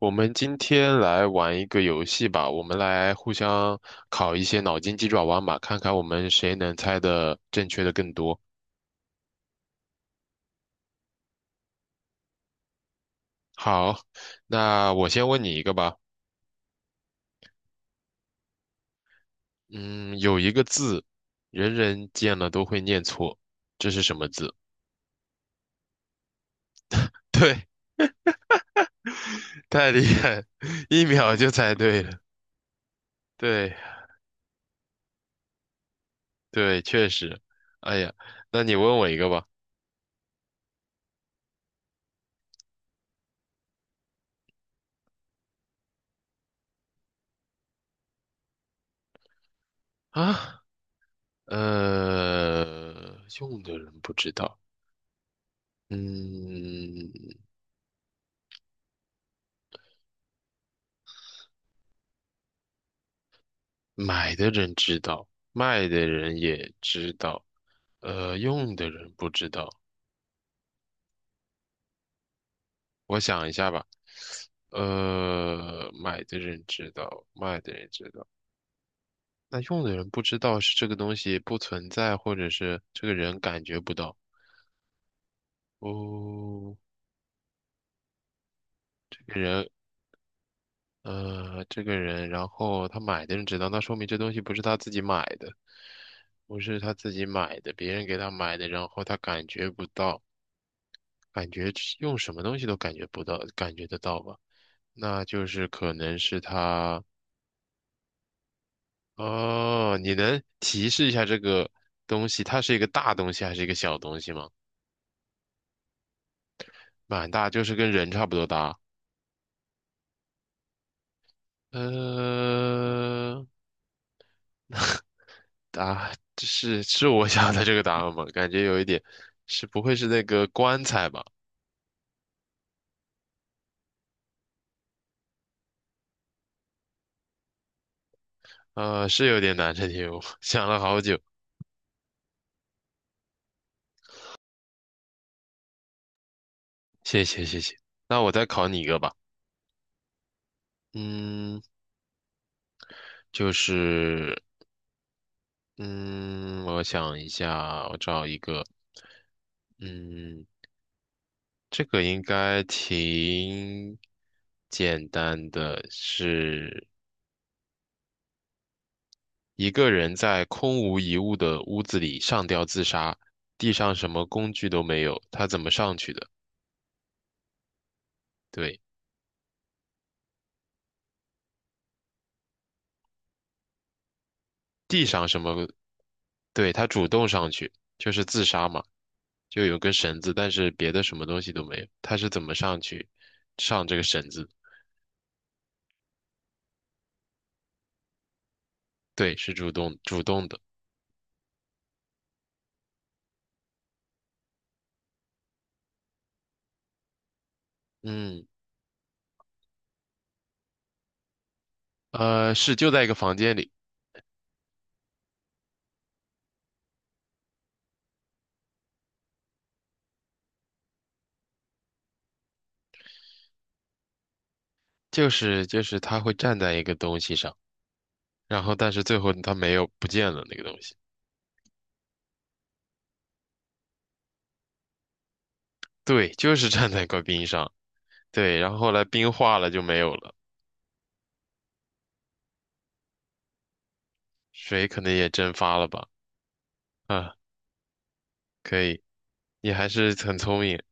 我们今天来玩一个游戏吧，我们来互相考一些脑筋急转弯吧，看看我们谁能猜的正确的更多。好，那我先问你一个吧。嗯，有一个字，人人见了都会念错，这是什么字？对，太厉害了1秒就猜对了。对，对，确实。哎呀，那你问我一个吧。啊，呃，用的人不知道。嗯，买的人知道，卖的人也知道，用的人不知道。我想一下吧，买的人知道，卖的人知道，那用的人不知道是这个东西不存在，或者是这个人感觉不到。哦，这个人，呃，这个人，然后他买的人知道，那说明这东西不是他自己买的，不是他自己买的，别人给他买的，然后他感觉不到，感觉用什么东西都感觉不到，感觉得到吧？那就是可能是它哦，你能提示一下这个东西，它是一个大东西还是一个小东西吗？蛮大，就是跟人差不多大。呃，这是我想的这个答案吗？感觉有一点，是不会是那个棺材吧？是有点难这题，我想了好久。谢谢谢谢，那我再考你一个吧。嗯，就是嗯，我想一下，我找一个，嗯。这个应该挺简单的，是一个人在空无一物的屋子里上吊自杀，地上什么工具都没有，他怎么上去的？对，地上什么？对，他主动上去，就是自杀嘛，就有根绳子，但是别的什么东西都没有，他是怎么上去上这个绳子？对，是主动主动的，嗯，是就在一个房间里，就是他会站在一个东西上。然后但是最后它没有不见了那个东西，对，就是站在块冰上，对，然后后来冰化了就没有了，水可能也蒸发了吧，啊，可以，你还是很聪明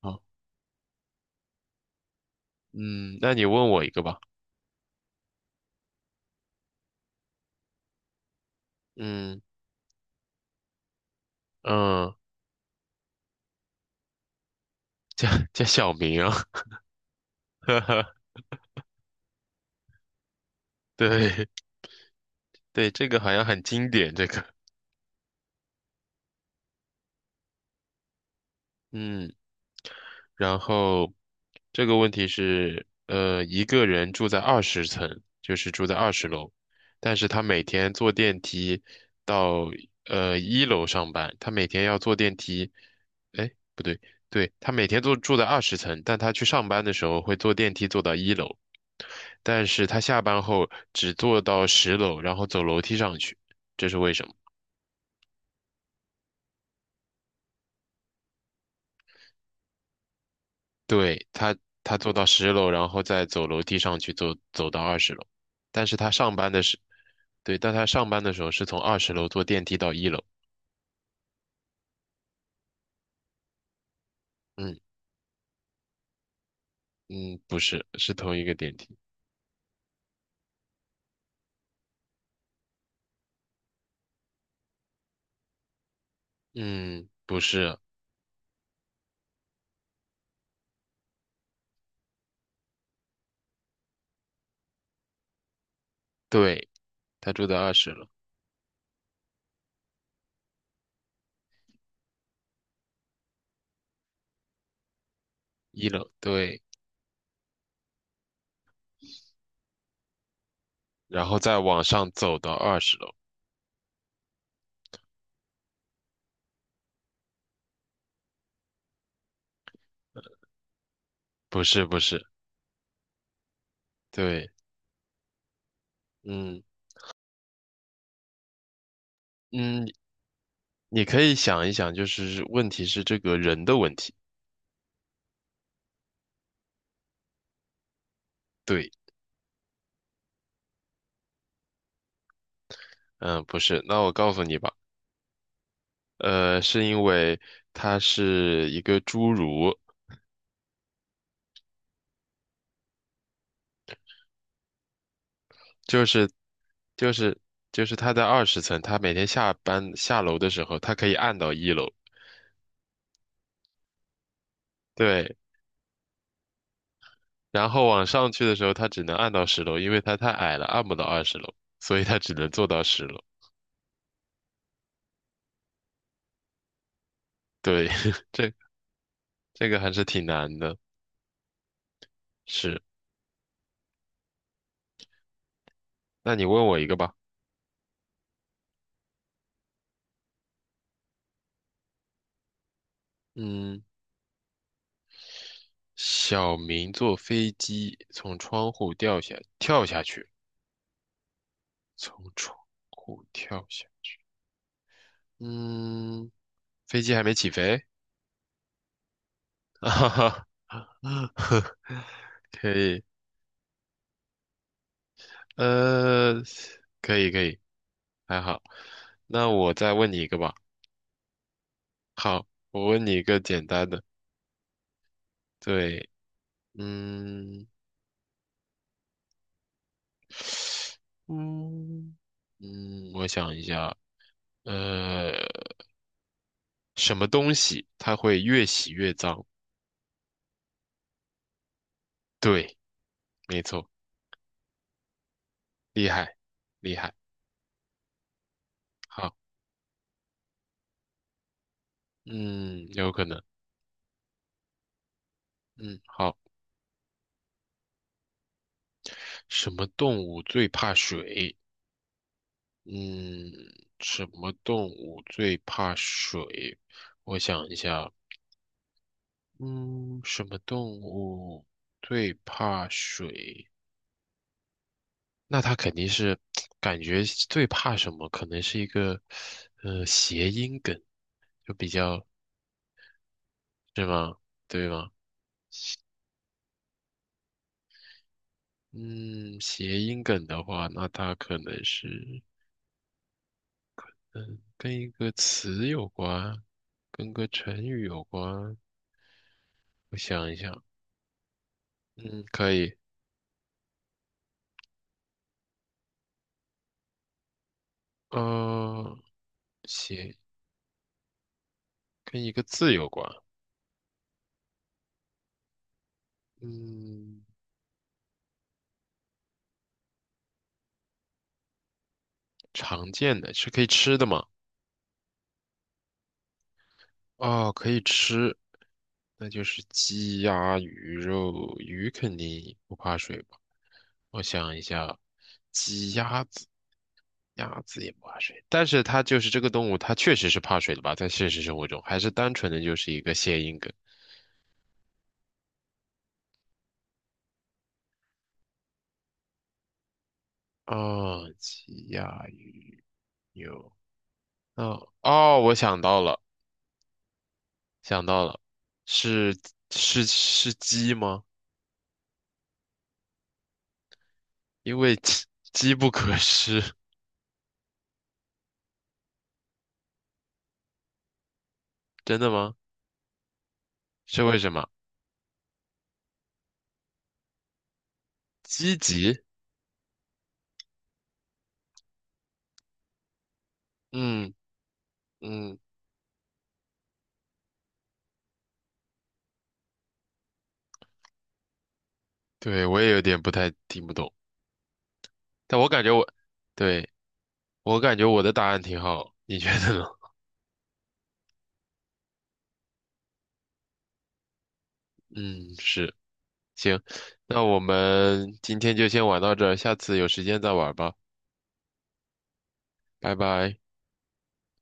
啊，嗯，那你问我一个吧，嗯嗯，叫小明啊，哈哈对，对，这个好像很经典，这个，嗯。然后这个问题是，一个人住在二十层，就是住在二十楼，但是他每天坐电梯到一楼上班，他每天要坐电梯，哎，不对，对，他每天都住在二十层，但他去上班的时候会坐电梯坐到一楼，但是他下班后只坐到十楼，然后走楼梯上去，这是为什么？对，他坐到十楼，然后再走楼梯上去，走到二十楼。但是他上班的时，对，但他上班的时候是从二十楼坐电梯到一楼。嗯嗯，不是，是同一个电梯。嗯，不是，对，他住在二十楼，一楼，对，然后再往上走到二十楼。不是，不是，对，嗯嗯，你可以想一想，就是问题是这个人的问题。对，嗯，不是，那我告诉你吧。是因为它是一个侏儒，就是就是就是他在二十层，他每天下班下楼的时候，他可以按到一楼，对，然后往上去的时候，他只能按到十楼，因为他太矮了，按不到二十楼，所以他只能做到十楼。对，这这个还是挺难的。是，那你问我一个吧。嗯，小明坐飞机从窗户掉下，跳下去，从窗户跳下。嗯，飞机还没起飞？啊哈哈，可以，呃，可以可以，还好。那我再问你一个吧。好，我问你一个简单的。对，嗯嗯嗯，我想一下，呃，什么东西它会越洗越脏？对，没错，厉害厉害。好，嗯，有可能。嗯，好，什么动物最怕水？嗯，什么动物最怕水？我想一下，嗯，什么动物最怕水？那它肯定是 感觉最怕什么？可能是一个谐音梗，就比较，是吗？对吗？嗯，谐音梗的话，那它可能是嗯跟一个词有关，跟个成语有关。我想一想，嗯，可以，呃。写跟一个字有关。嗯，常见的是可以吃的吗？哦，可以吃，那就是鸡鸭鱼肉。鱼肯定不怕水吧？我想一下，鸡鸭子，鸭子也不怕水，但是它就是这个动物，它确实是怕水的吧？在现实生活中，还是单纯的就是一个谐音梗。啊？哦鸡鸭鱼肉。哦哦，我想到了，想到了，是是鸡吗？因为机不可失，真的吗？是为什么？积极？嗯嗯，对，我也有点不太听不懂，但我感觉我，对，我感觉我的答案挺好，你觉得呢？嗯，是，行，那我们今天就先玩到这儿，下次有时间再玩吧，拜拜。